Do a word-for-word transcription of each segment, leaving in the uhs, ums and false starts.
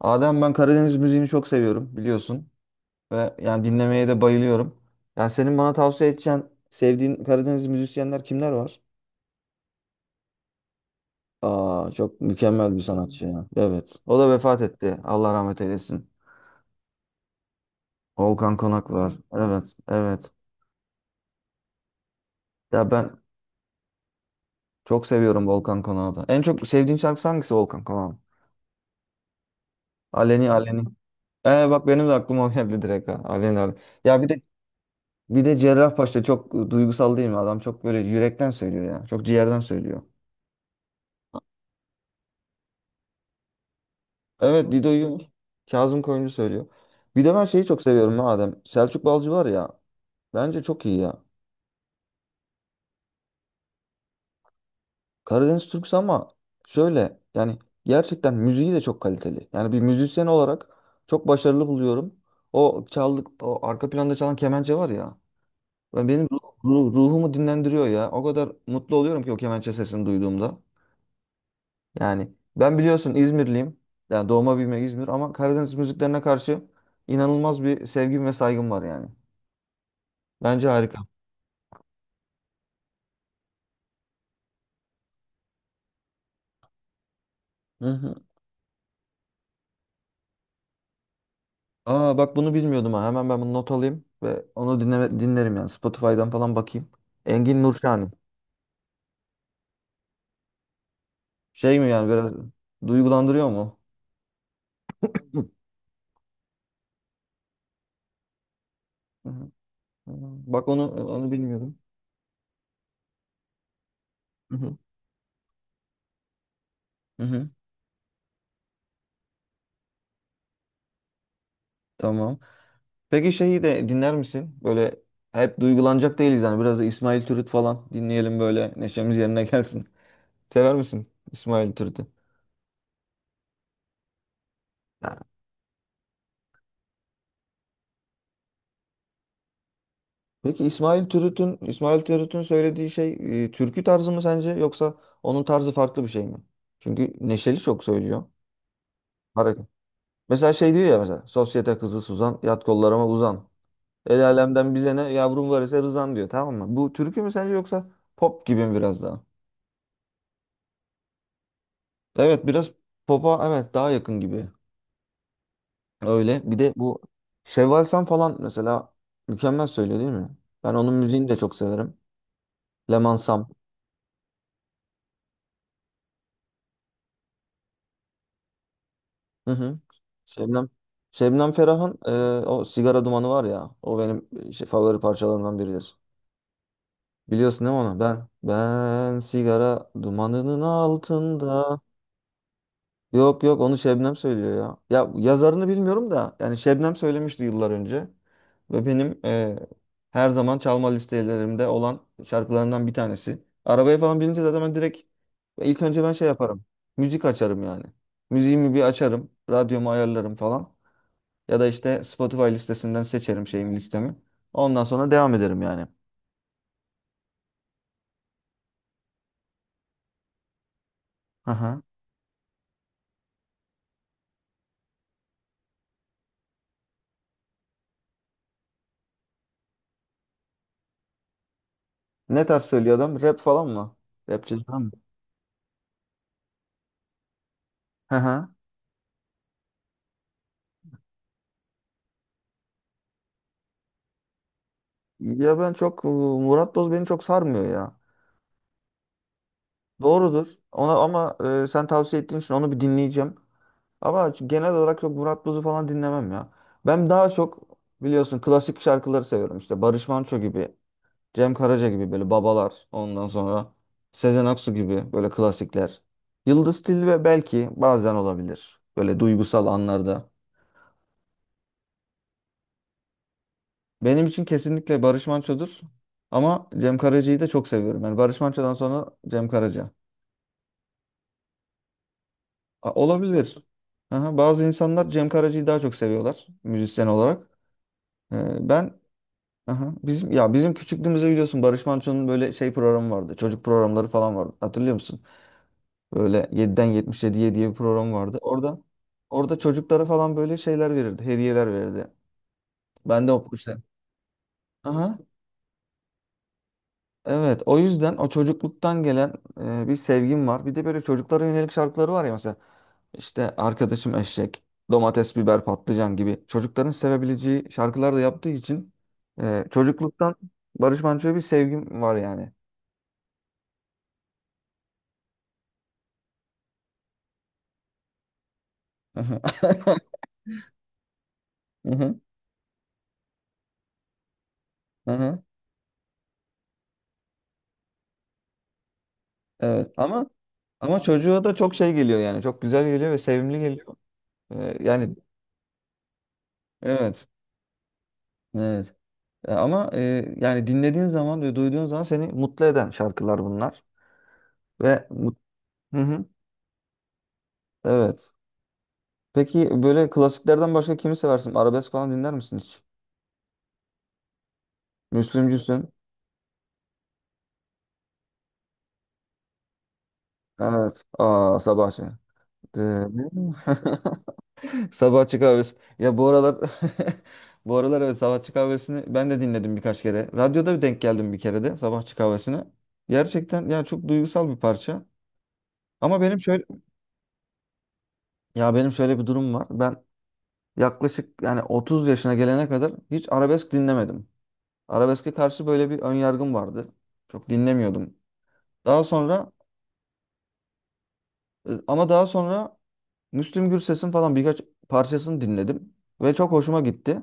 Adem, ben Karadeniz müziğini çok seviyorum biliyorsun ve yani dinlemeye de bayılıyorum. Yani senin bana tavsiye edeceğin sevdiğin Karadeniz müzisyenler kimler var? Aa, çok mükemmel bir sanatçı ya. Evet. O da vefat etti. Allah rahmet eylesin. Volkan Konak var. Evet, evet. Ya ben çok seviyorum Volkan Konak'ı da. En çok sevdiğin şarkısı hangisi Volkan Konak'ın? Aleni Aleni. Ee bak benim de aklıma o geldi direkt ha. Aleni Aleni. Ya bir de bir de Cerrahpaşa çok duygusal değil mi? Adam çok böyle yürekten söylüyor ya. Çok ciğerden söylüyor. Evet, Dido'yu Kazım Koyuncu söylüyor. Bir de ben şeyi çok seviyorum ha Adem. Selçuk Balcı var ya. Bence çok iyi ya. Karadeniz Türküsü ama şöyle yani gerçekten müziği de çok kaliteli. Yani bir müzisyen olarak çok başarılı buluyorum. O çaldık, o arka planda çalan kemençe var ya. Ben benim ru- ru- ruhumu dinlendiriyor ya. O kadar mutlu oluyorum ki o kemençe sesini duyduğumda. Yani ben biliyorsun İzmirliyim. Yani doğma büyüme İzmir ama Karadeniz müziklerine karşı inanılmaz bir sevgim ve saygım var yani. Bence harika. Hı hı. Aa, bak bunu bilmiyordum ha. Hemen ben bunu not alayım ve onu dinleme, dinlerim yani. Spotify'dan falan bakayım. Engin Nurşani. Şey mi yani biraz duygulandırıyor mu? Hı. Hı hı. Bak onu onu bilmiyordum. Hı hı. Hı hı. Tamam. Peki şeyi de dinler misin? Böyle hep duygulanacak değiliz yani. Biraz da İsmail Türüt falan dinleyelim böyle neşemiz yerine gelsin. Sever misin İsmail Türüt'ü? Peki İsmail Türüt'ün İsmail Türüt'ün söylediği şey e, türkü tarzı mı sence yoksa onun tarzı farklı bir şey mi? Çünkü neşeli çok söylüyor. Hareket. Mesela şey diyor ya, mesela sosyete kızı Suzan yat kollarıma uzan. El alemden bize ne yavrum var ise rızan diyor, tamam mı? Bu türkü mü sence yoksa pop gibi mi biraz daha? Evet, biraz popa evet daha yakın gibi. Öyle bir de bu Şevval Sam falan mesela mükemmel söylüyor değil mi? Ben onun müziğini de çok severim. Leman Sam. Hı hı. Şebnem. Şebnem Ferah'ın e, o sigara dumanı var ya. O benim e, şey, favori parçalarımdan biridir. Biliyorsun değil mi onu? Ben ben sigara dumanının altında. Yok, yok, onu Şebnem söylüyor ya. Ya yazarını bilmiyorum da yani Şebnem söylemişti yıllar önce. Ve benim e, her zaman çalma listelerimde olan şarkılarından bir tanesi. Arabaya falan binince zaten ben direkt e, ilk önce ben şey yaparım. Müzik açarım yani. Müziğimi bir açarım. Radyomu ayarlarım falan. Ya da işte Spotify listesinden seçerim şeyimi listemi. Ondan sonra devam ederim yani. Aha. Ne tarz söylüyor adam? Rap falan mı? Rapçi falan mı? Aha. Ya ben çok Murat Boz beni çok sarmıyor ya. Doğrudur. Ona ama e, sen tavsiye ettiğin için onu bir dinleyeceğim. Ama genel olarak çok Murat Boz'u falan dinlemem ya. Ben daha çok biliyorsun klasik şarkıları seviyorum işte Barış Manço gibi. Cem Karaca gibi böyle babalar. Ondan sonra Sezen Aksu gibi böyle klasikler. Yıldız Tilbe belki bazen olabilir. Böyle duygusal anlarda. Benim için kesinlikle Barış Manço'dur. Ama Cem Karaca'yı da çok seviyorum. Yani Barış Manço'dan sonra Cem Karaca. A- olabilir. Aha, bazı insanlar Cem Karaca'yı daha çok seviyorlar müzisyen olarak. Ee, ben, aha, bizim ya bizim küçüklüğümüzde biliyorsun Barış Manço'nun böyle şey programı vardı. Çocuk programları falan vardı. Hatırlıyor musun? Böyle yediden yetmiş 77'ye diye bir program vardı. Orada orada çocuklara falan böyle şeyler verirdi, hediyeler verirdi. Ben de o işte. Aha. Evet, o yüzden o çocukluktan gelen e, bir sevgim var. Bir de böyle çocuklara yönelik şarkıları var ya mesela. İşte arkadaşım eşek, domates, biber, patlıcan gibi çocukların sevebileceği şarkılar da yaptığı için e, çocukluktan Barış Manço'ya bir sevgim var yani. Aha, aha, aha. Evet, ama ama çocuğa da çok şey geliyor yani çok güzel geliyor ve sevimli geliyor. Ee, Yani evet, evet. E, Ama e, yani dinlediğin zaman ve duyduğun zaman seni mutlu eden şarkılar bunlar ve mut- hı hı, evet. Peki böyle klasiklerden başka kimi seversin? Arabesk falan dinler misin hiç? Müslümcüsün. Evet. Aa, Sabahçı. De- Sabahçı kahvesi. Ya bu aralar bu aralar evet Sabahçı kahvesini ben de dinledim birkaç kere. Radyoda bir denk geldim bir kere de Sabahçı kahvesine. Gerçekten ya çok duygusal bir parça. Ama benim şöyle Ya benim şöyle bir durum var. Ben yaklaşık yani otuz yaşına gelene kadar hiç arabesk dinlemedim. Arabeske karşı böyle bir ön yargım vardı. Çok dinlemiyordum. Daha sonra e, ama daha sonra Müslüm Gürses'in falan birkaç parçasını dinledim ve çok hoşuma gitti.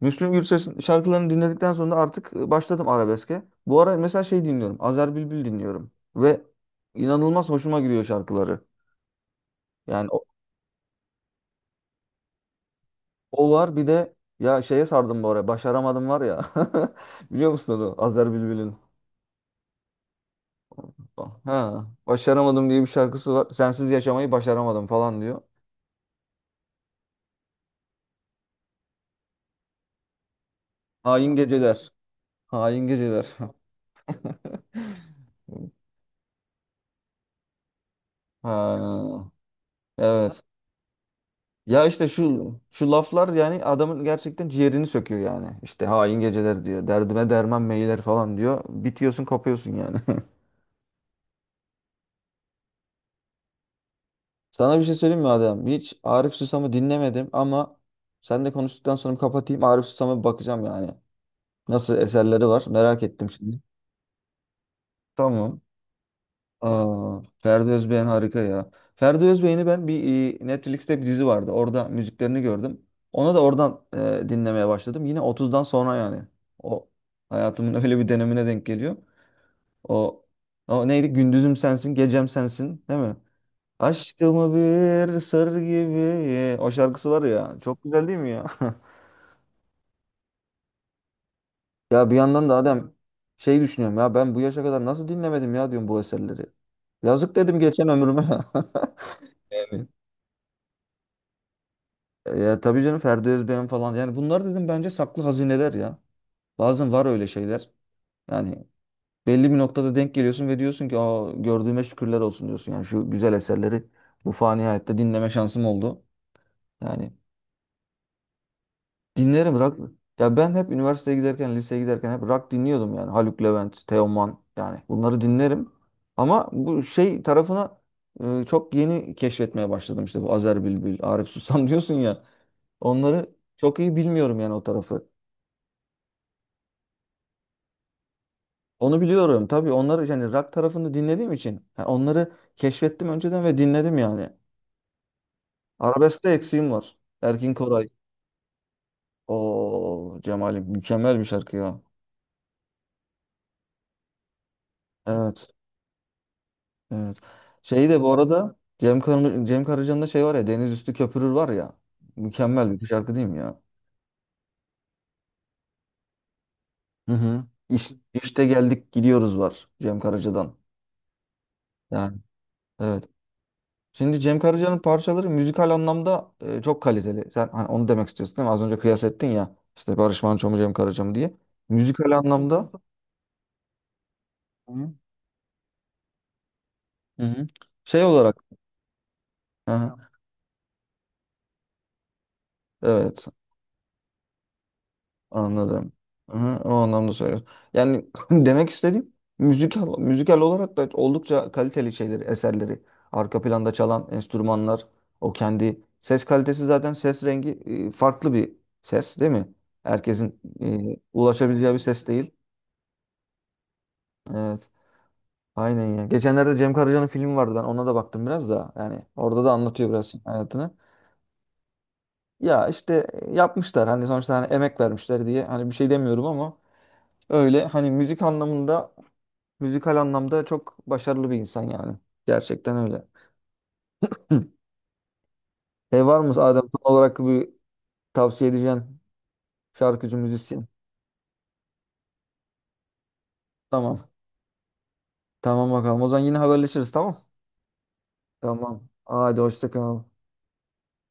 Müslüm Gürses'in şarkılarını dinledikten sonra artık e, başladım arabeske. Bu ara mesela şey dinliyorum. Azer Bülbül dinliyorum ve inanılmaz hoşuma gidiyor şarkıları. Yani o var bir de, ya şeye sardım bu ara. Başaramadım var ya. Biliyor musun onu? Azer Bülbül'ün. Ha, başaramadım diye bir şarkısı var. Sensiz yaşamayı başaramadım falan diyor. Hain geceler. Hain geceler. Ha, evet. Ya işte şu şu laflar yani adamın gerçekten ciğerini söküyor yani. İşte hain geceler diyor. Derdime derman meyler falan diyor. Bitiyorsun, kopuyorsun yani. Sana bir şey söyleyeyim mi Adem? Hiç Arif Susam'ı dinlemedim ama sen de konuştuktan sonra bir kapatayım. Arif Susam'a bir bakacağım yani. Nasıl eserleri var merak ettim şimdi. Tamam. Aa, Ferdi Özbeğen harika ya. Ferdi Özbeğen'i ben bir e, Netflix'te bir dizi vardı. Orada müziklerini gördüm. Ona da oradan e, dinlemeye başladım. Yine otuzdan sonra yani. O hayatımın öyle bir dönemine denk geliyor. O, o neydi? Gündüzüm sensin, gecem sensin, değil mi? Aşkımı bir sır gibi. O şarkısı var ya. Çok güzel değil mi ya? Ya bir yandan da adam şey düşünüyorum ya, ben bu yaşa kadar nasıl dinlemedim ya diyorum bu eserleri. Yazık dedim geçen ömrüme. Evet. Ya tabii canım Ferdi Özbeğen falan, yani bunlar dedim bence saklı hazineler ya. Bazen var öyle şeyler. Yani belli bir noktada denk geliyorsun ve diyorsun ki aa, gördüğüme şükürler olsun diyorsun. Yani şu güzel eserleri bu fani hayatta dinleme şansım oldu. Yani. Dinlerim rock. Ya ben hep üniversiteye giderken, liseye giderken hep rock dinliyordum yani. Haluk Levent, Teoman, yani bunları dinlerim. Ama bu şey tarafına e, çok yeni keşfetmeye başladım işte bu Azer Bülbül, Arif Susam diyorsun ya. Onları çok iyi bilmiyorum yani o tarafı. Onu biliyorum tabii, onları yani rock tarafını dinlediğim için ha, onları keşfettim önceden ve dinledim yani. Arabeskte eksiğim var. Erkin Koray. O Cemal'im mükemmel bir şarkı ya. Evet. Evet. Şey de bu arada Cem, Kar Cem Karaca'nın da şey var ya, Deniz Üstü Köpürür var ya. Mükemmel bir şarkı değil mi ya? Hı hı. İş, işte geldik gidiyoruz var Cem Karaca'dan. Yani evet. Şimdi Cem Karaca'nın parçaları müzikal anlamda e, çok kaliteli. Sen hani onu demek istiyorsun değil mi? Az önce kıyas ettin ya işte Barış Manço mu Cem Karaca mı diye. Müzikal anlamda. Hı. Hı hı. Hı. Şey olarak. Aha, evet. Anladım. Aha, o anlamda söylüyorum. Yani demek istediğim müzikal, müzikal olarak da oldukça kaliteli şeyleri, eserleri. Arka planda çalan enstrümanlar, o kendi ses kalitesi zaten ses rengi e, farklı bir ses değil mi? Herkesin e, ulaşabileceği bir ses değil. Evet. Aynen ya. Geçenlerde Cem Karaca'nın filmi vardı. Ben ona da baktım biraz da. Yani orada da anlatıyor biraz hayatını. Ya işte e, yapmışlar. Hani sonuçta hani emek vermişler diye. Hani bir şey demiyorum ama öyle hani müzik anlamında Müzikal anlamda çok başarılı bir insan yani. Gerçekten öyle. Hı. Şey var mı Adem son olarak bir tavsiye edeceğin şarkıcı, müzisyen? Tamam. Tamam bakalım. O zaman yine haberleşiriz, tamam? Tamam. Hadi hoşça kal.